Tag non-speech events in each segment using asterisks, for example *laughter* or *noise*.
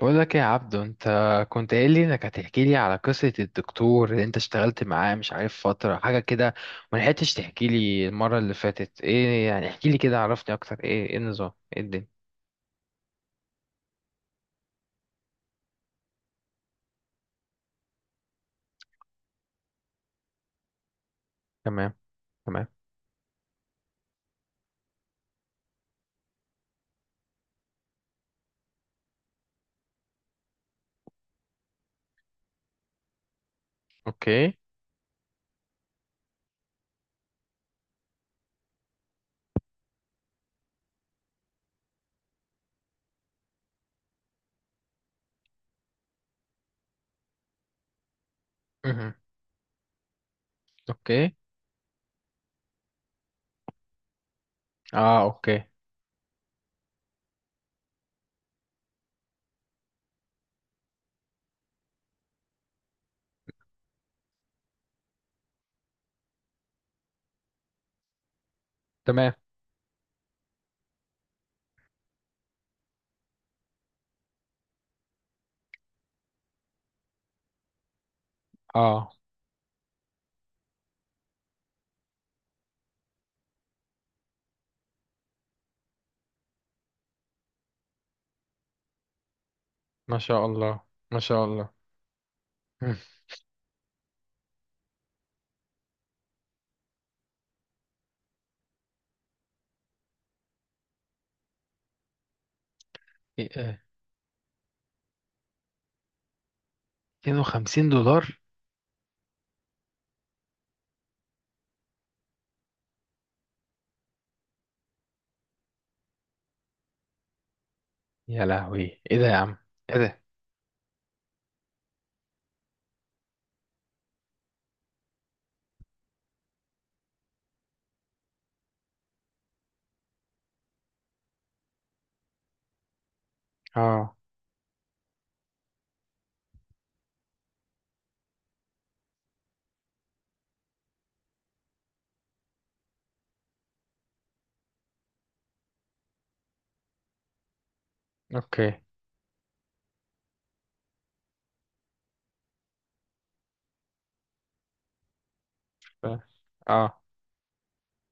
بقول لك إيه يا عبدو؟ انت كنت قايل لي انك هتحكي لي على قصة الدكتور اللي انت اشتغلت معاه مش عارف فترة حاجة كده. ما لحقتش تحكي لي المرة اللي فاتت ايه، يعني احكي لي كده، عرفني اكتر. ايه النظام؟ ايه الدنيا؟ تمام. تمام. اوكي. مهم. اوكي. اه، اوكي. تمام. اه، ما شاء الله. ما شاء الله. مم. ايه إيه؟ 250 دولار. يا لهوي! ايه ده يا عم؟ ايه ده؟ اه، اوكي. اه. اه.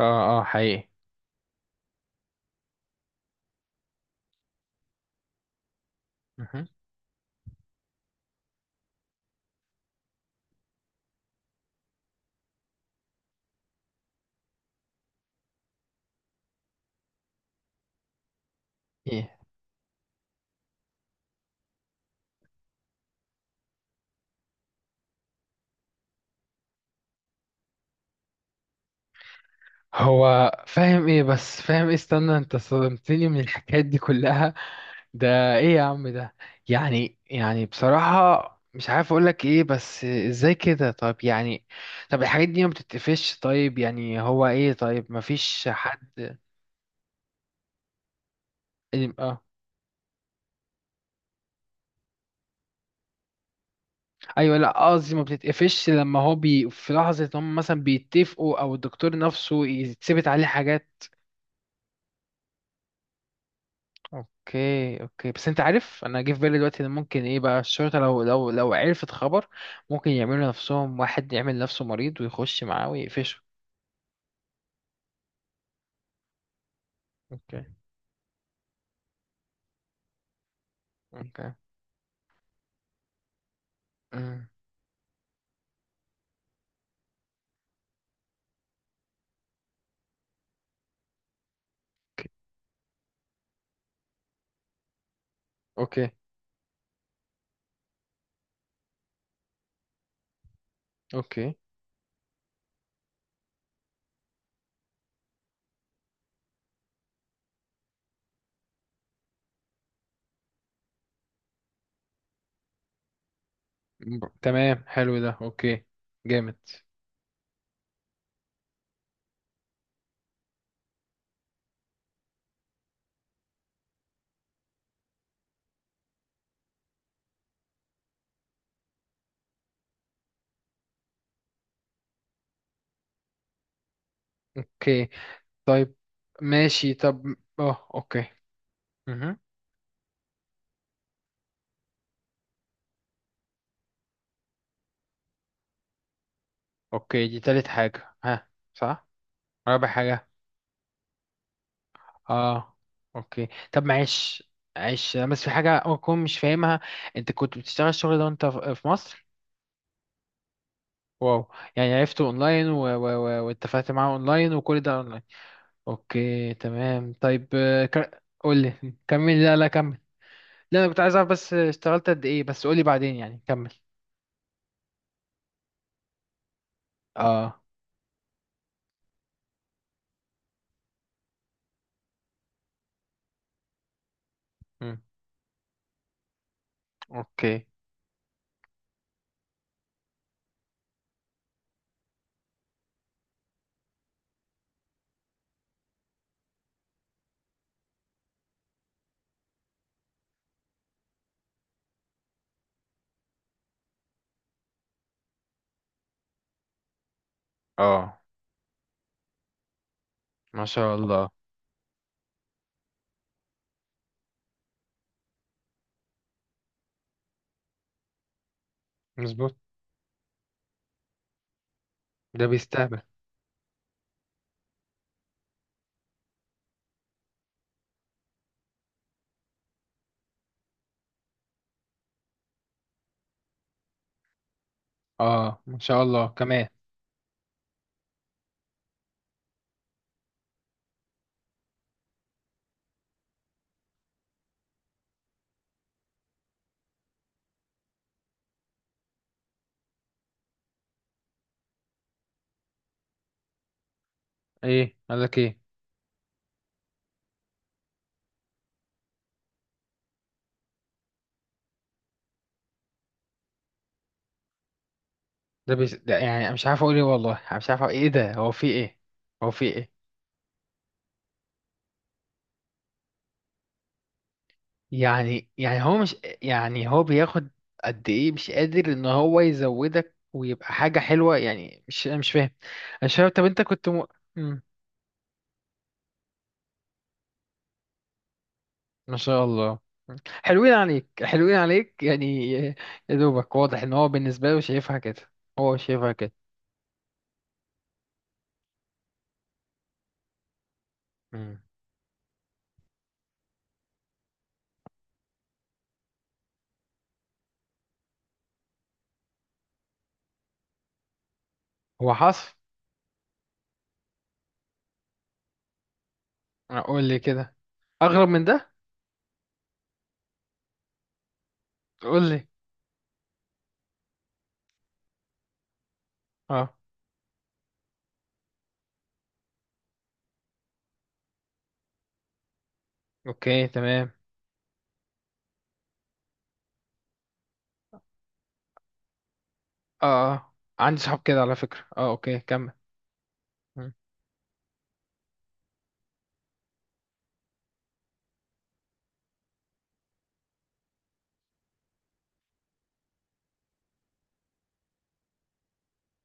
اه، حقيقي. مهم. هو فاهم ايه؟ بس فاهم ايه؟ استنى، انت صدمتني من الحكايات دي كلها. ده ايه يا عم ده؟ يعني بصراحة مش عارف اقولك ايه، بس ازاي كده؟ طيب يعني. طب الحاجات دي ما بتتقفش؟ طيب يعني هو ايه؟ طيب ما فيش حد؟ اه. ايوه، لا قصدي ما بتتقفش لما هو بي في لحظة هم مثلا بيتفقوا او الدكتور نفسه يتثبت عليه حاجات. اوكي. اوكي. بس انت عارف انا جه في بالي دلوقتي ان ممكن ايه بقى الشرطه، لو عرفت خبر، ممكن يعملوا نفسهم، واحد يعمل نفسه مريض ويخش معاه ويقفشه. اوكي. اوكي. أمم، اوكي. اوكي. تمام، حلو ده. اوكي. جامد. اوكي، طيب. ماشي طب. اه، اوكي. مهم. اوكي، دي تالت حاجه، ها؟ صح. رابع حاجه. اه، اوكي. طب معلش. معلش بس في حاجة أكون مش فاهمها. أنت كنت بتشتغل الشغل ده وأنت في مصر؟ واو، يعني عرفته أونلاين واتفقت معاه أونلاين وكل ده أونلاين. أوكي، تمام. طيب قول لي. كمل. لا، لا، كمل. لا، أنا كنت عايز أعرف بس اشتغلت قد إيه. بس قول لي بعدين يعني. كمل. اه. مم. أوكي. اه. ما شاء الله. مظبوط. ده بيستهبل. اه. ما شاء الله كمان. إيه قال لك إيه؟ ده يعني أنا مش عارف اقول ايه، والله أنا مش عارف أقول ايه. ده هو في ايه؟ هو في ايه؟ يعني هو مش... يعني هو بياخد قد ايه؟ مش قادر ان هو يزودك ويبقى حاجة حلوة يعني؟ مش انا مش فاهم. انا مش فاهم. طب انت كنت مم. ما شاء الله. حلوين عليك، حلوين عليك يعني. يا دوبك واضح ان هو بالنسبة له شايفها كده. هو شايفها كده. مم. هو حصل. قول لي كده. اغرب من ده؟ قول لي. اه، اوكي، تمام. اه، اه، عندي صحاب كده على فكرة. اه، اوكي، كمل. مم.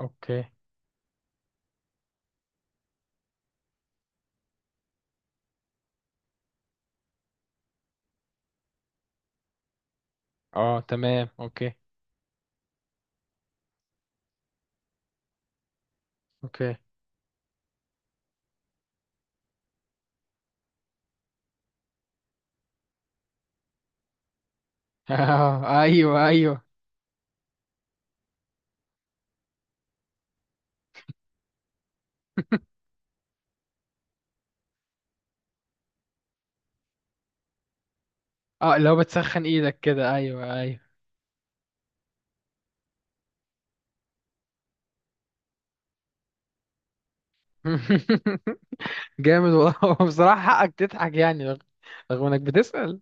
اوكي. اه. تمام. اوكي. اوكي. *laughs* آه، ايوه ايوه. *laughs* اه، لو بتسخن ايدك كده، ايوه ايوه. *laughs* جامد والله. *laughs* بصراحة حقك تضحك يعني، رغم انك بتسأل.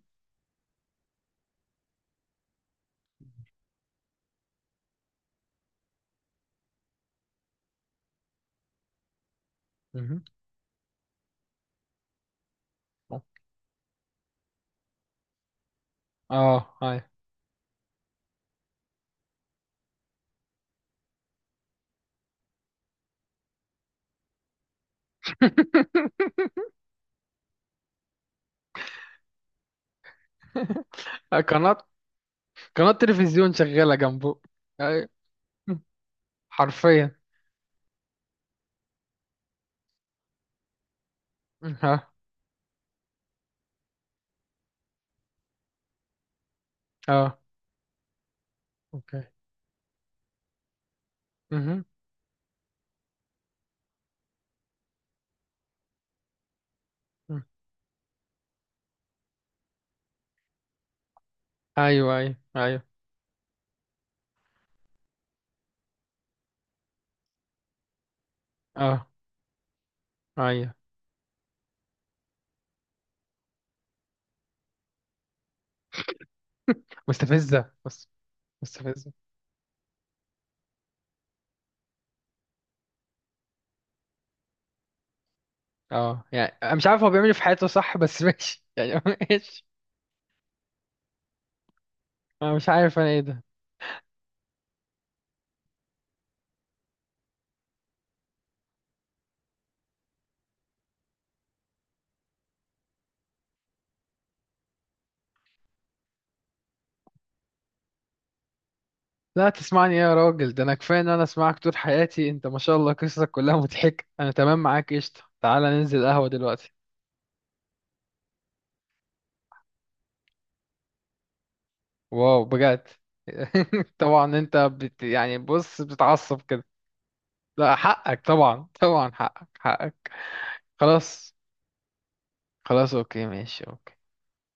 مهم. اه، ايوه. *laughs* قناة. قناة تلفزيون شغالة جنبه. ايوه، حرفيا. ها. اه، اوكي. مهم. ايوه، ايوه، ايوه. اه، ايوه. مستفزة بس. مستفزة. اه، يعني أنا مش عارف هو بيعمل إيه في حياته. صح، بس ماشي يعني. *laughs* ماشي. انا مش عارف انا، ايه ده؟ لا، تسمعني إيه يا راجل؟ ده انا كفايه ان انا اسمعك طول حياتي. انت ما شاء الله قصصك كلها مضحكه. انا تمام معاك، قشطه، تعالى ننزل قهوه دلوقتي. واو، بجد. *laughs* طبعا انت بت يعني، بص بتتعصب كده. لا، حقك طبعا، طبعا حقك، حقك. خلاص. خلاص، اوكي، ماشي.